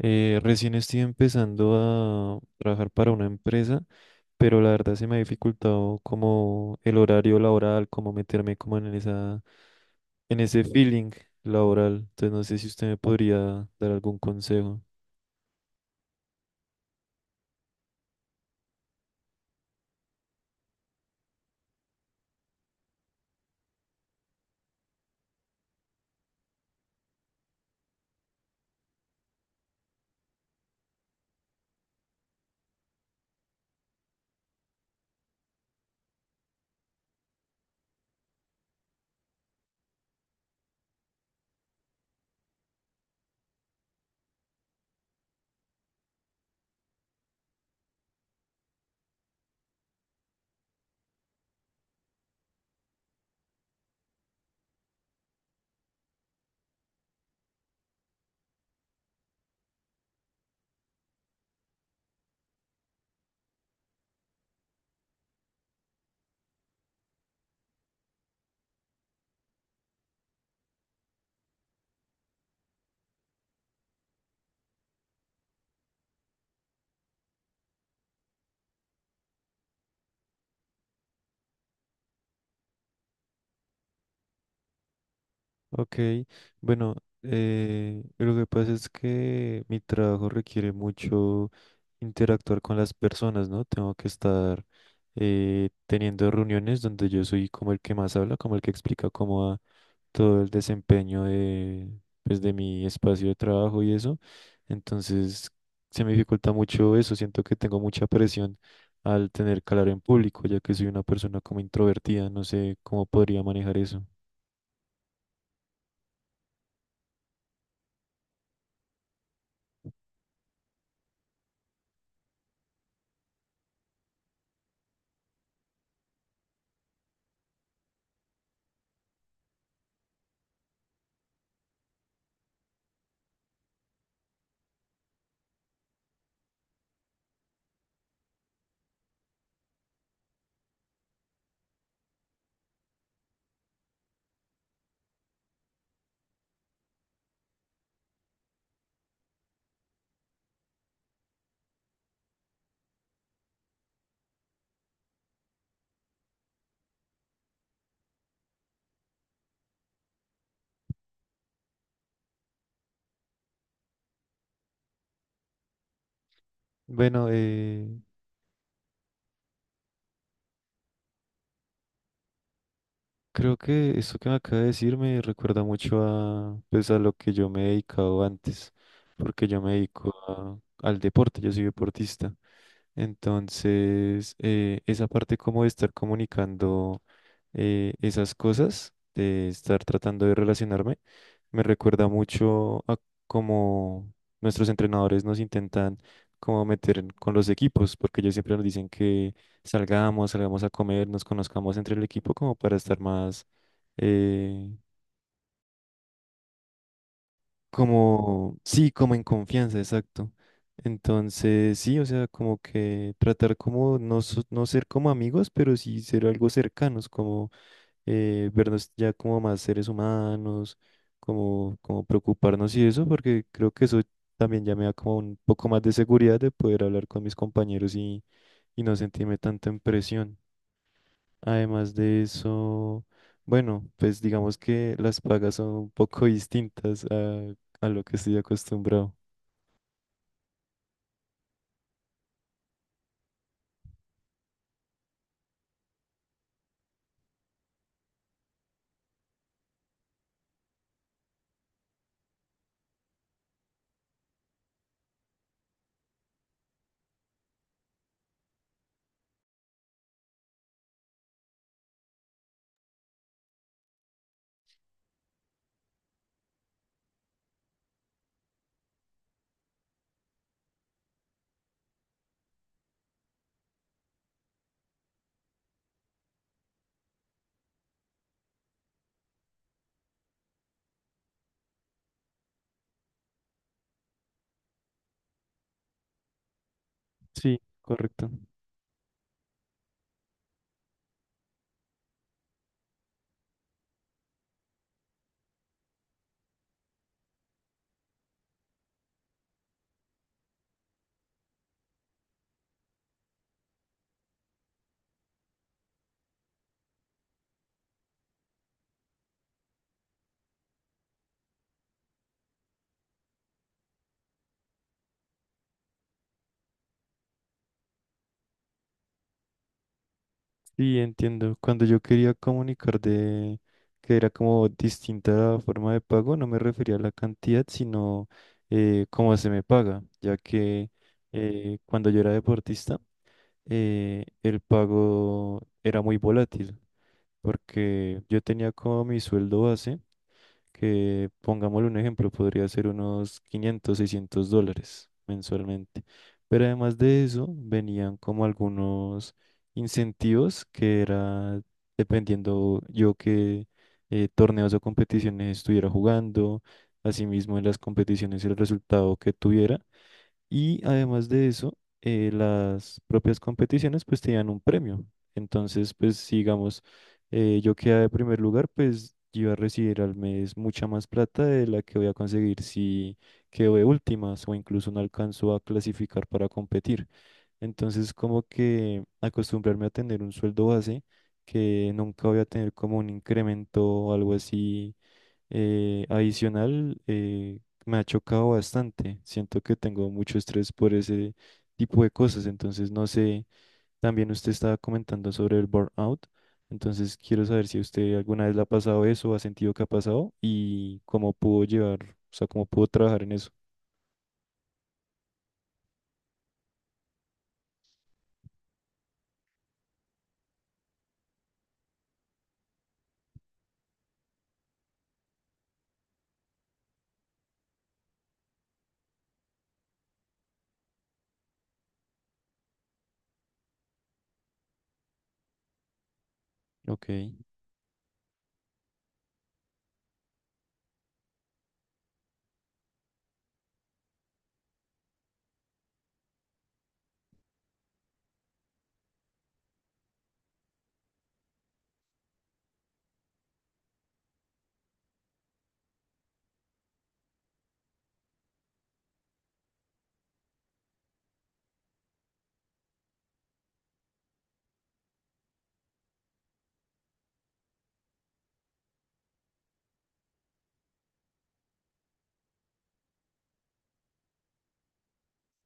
Recién estoy empezando a trabajar para una empresa, pero la verdad se me ha dificultado como el horario laboral, como meterme como en esa, en ese feeling laboral. Entonces no sé si usted me podría dar algún consejo. Ok, bueno, lo que pasa es que mi trabajo requiere mucho interactuar con las personas, ¿no? Tengo que estar teniendo reuniones donde yo soy como el que más habla, como el que explica cómo va todo el desempeño de, pues, de mi espacio de trabajo y eso. Entonces, se me dificulta mucho eso. Siento que tengo mucha presión al tener que hablar en público, ya que soy una persona como introvertida. No sé cómo podría manejar eso. Bueno, creo que esto que me acaba de decir me recuerda mucho a, pues, a lo que yo me he dedicado antes, porque yo me dedico a- al deporte, yo soy deportista. Entonces, esa parte como de estar comunicando esas cosas de estar tratando de relacionarme me recuerda mucho a cómo nuestros entrenadores nos intentan como meter en- con los equipos, porque ellos siempre nos dicen que salgamos, salgamos a comer, nos conozcamos entre el equipo como para estar más, eh, como, sí, como en confianza, exacto. Entonces, sí, o sea, como que tratar como no, so- no ser como amigos, pero sí ser algo cercanos, como vernos ya como más seres humanos, como, como preocuparnos y eso, porque creo que eso también ya me da como un poco más de seguridad de poder hablar con mis compañeros y no sentirme tanto en presión. Además de eso, bueno, pues digamos que las pagas son un poco distintas a lo que estoy acostumbrado. Sí, correcto. Sí, entiendo. Cuando yo quería comunicar de que era como distinta la forma de pago, no me refería a la cantidad, sino cómo se me paga, ya que cuando yo era deportista, el pago era muy volátil, porque yo tenía como mi sueldo base que pongámosle un ejemplo, podría ser unos 500, $600 mensualmente. Pero además de eso, venían como algunos incentivos que era dependiendo yo qué torneos o competiciones estuviera jugando, asimismo en las competiciones el resultado que tuviera y además de eso, las propias competiciones pues te dan un premio. Entonces, pues si, digamos, yo quedé de primer lugar, pues yo iba a recibir al mes mucha más plata de la que voy a conseguir si quedo de últimas o incluso no alcanzo a clasificar para competir. Entonces, como que acostumbrarme a tener un sueldo base que nunca voy a tener como un incremento o algo así adicional, me ha chocado bastante. Siento que tengo mucho estrés por ese tipo de cosas. Entonces, no sé, también usted estaba comentando sobre el burnout. Entonces, quiero saber si usted alguna vez le ha pasado eso, ha sentido que ha pasado y cómo pudo llevar, o sea, cómo pudo trabajar en eso. Ok,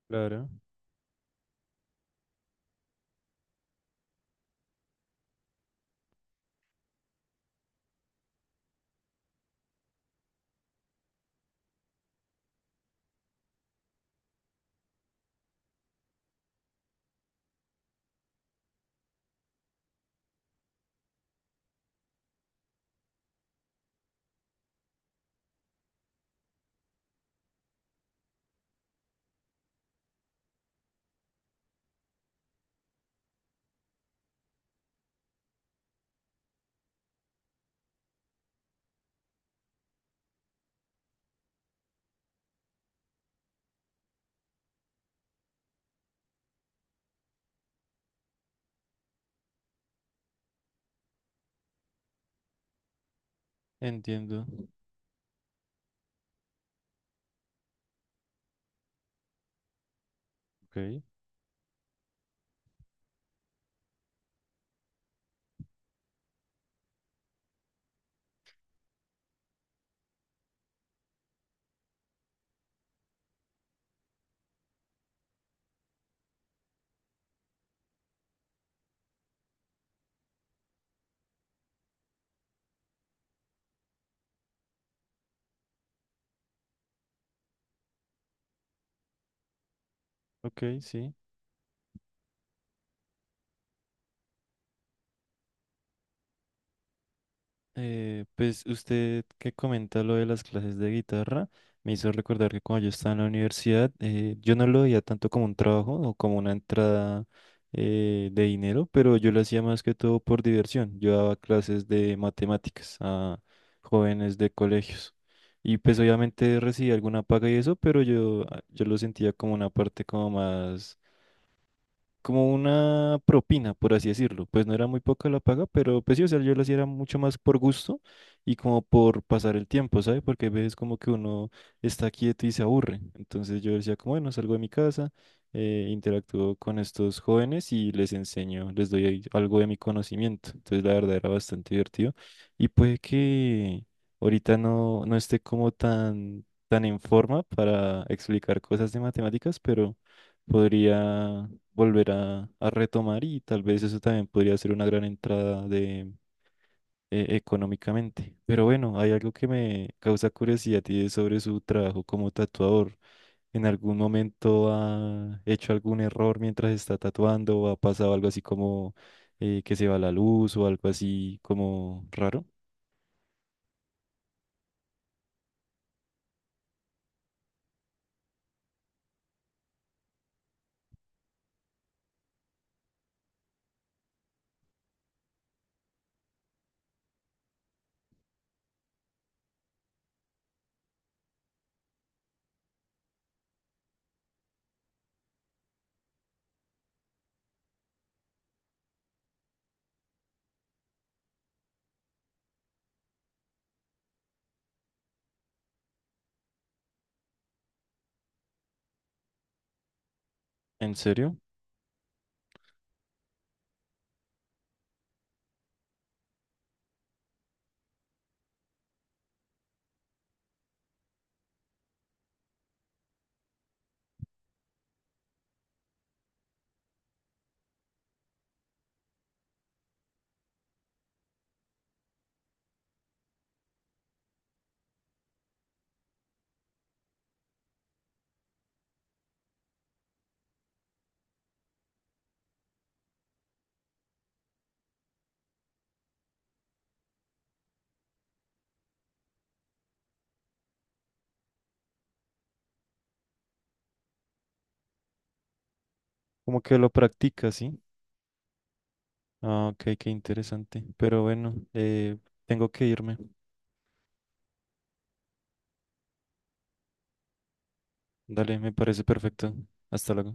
claro, entiendo. Ok, ok, sí. Pues usted que comenta lo de las clases de guitarra, me hizo recordar que cuando yo estaba en la universidad, yo no lo veía tanto como un trabajo o como una entrada de dinero, pero yo lo hacía más que todo por diversión. Yo daba clases de matemáticas a jóvenes de colegios y pues obviamente recibía alguna paga y eso, pero yo lo sentía como una parte como más como una propina, por así decirlo. Pues no era muy poca la paga, pero pues sí, o sea, yo lo hacía era mucho más por gusto y como por pasar el tiempo, ¿sabes? Porque a veces como que uno está quieto y se aburre. Entonces yo decía como, bueno, salgo de mi casa, interactúo con estos jóvenes y les enseño, les doy ahí algo de mi conocimiento. Entonces la verdad era bastante divertido y puede que ahorita no, no esté como tan, tan en forma para explicar cosas de matemáticas, pero podría volver a retomar y tal vez eso también podría ser una gran entrada de económicamente. Pero bueno, hay algo que me causa curiosidad y es sobre su trabajo como tatuador. ¿En algún momento ha hecho algún error mientras está tatuando o ha pasado algo así como que se va la luz o algo así como raro? ¿En serio? Como que lo practica, ¿sí? Ah, ok, qué interesante. Pero bueno, tengo que irme. Dale, me parece perfecto. Hasta luego.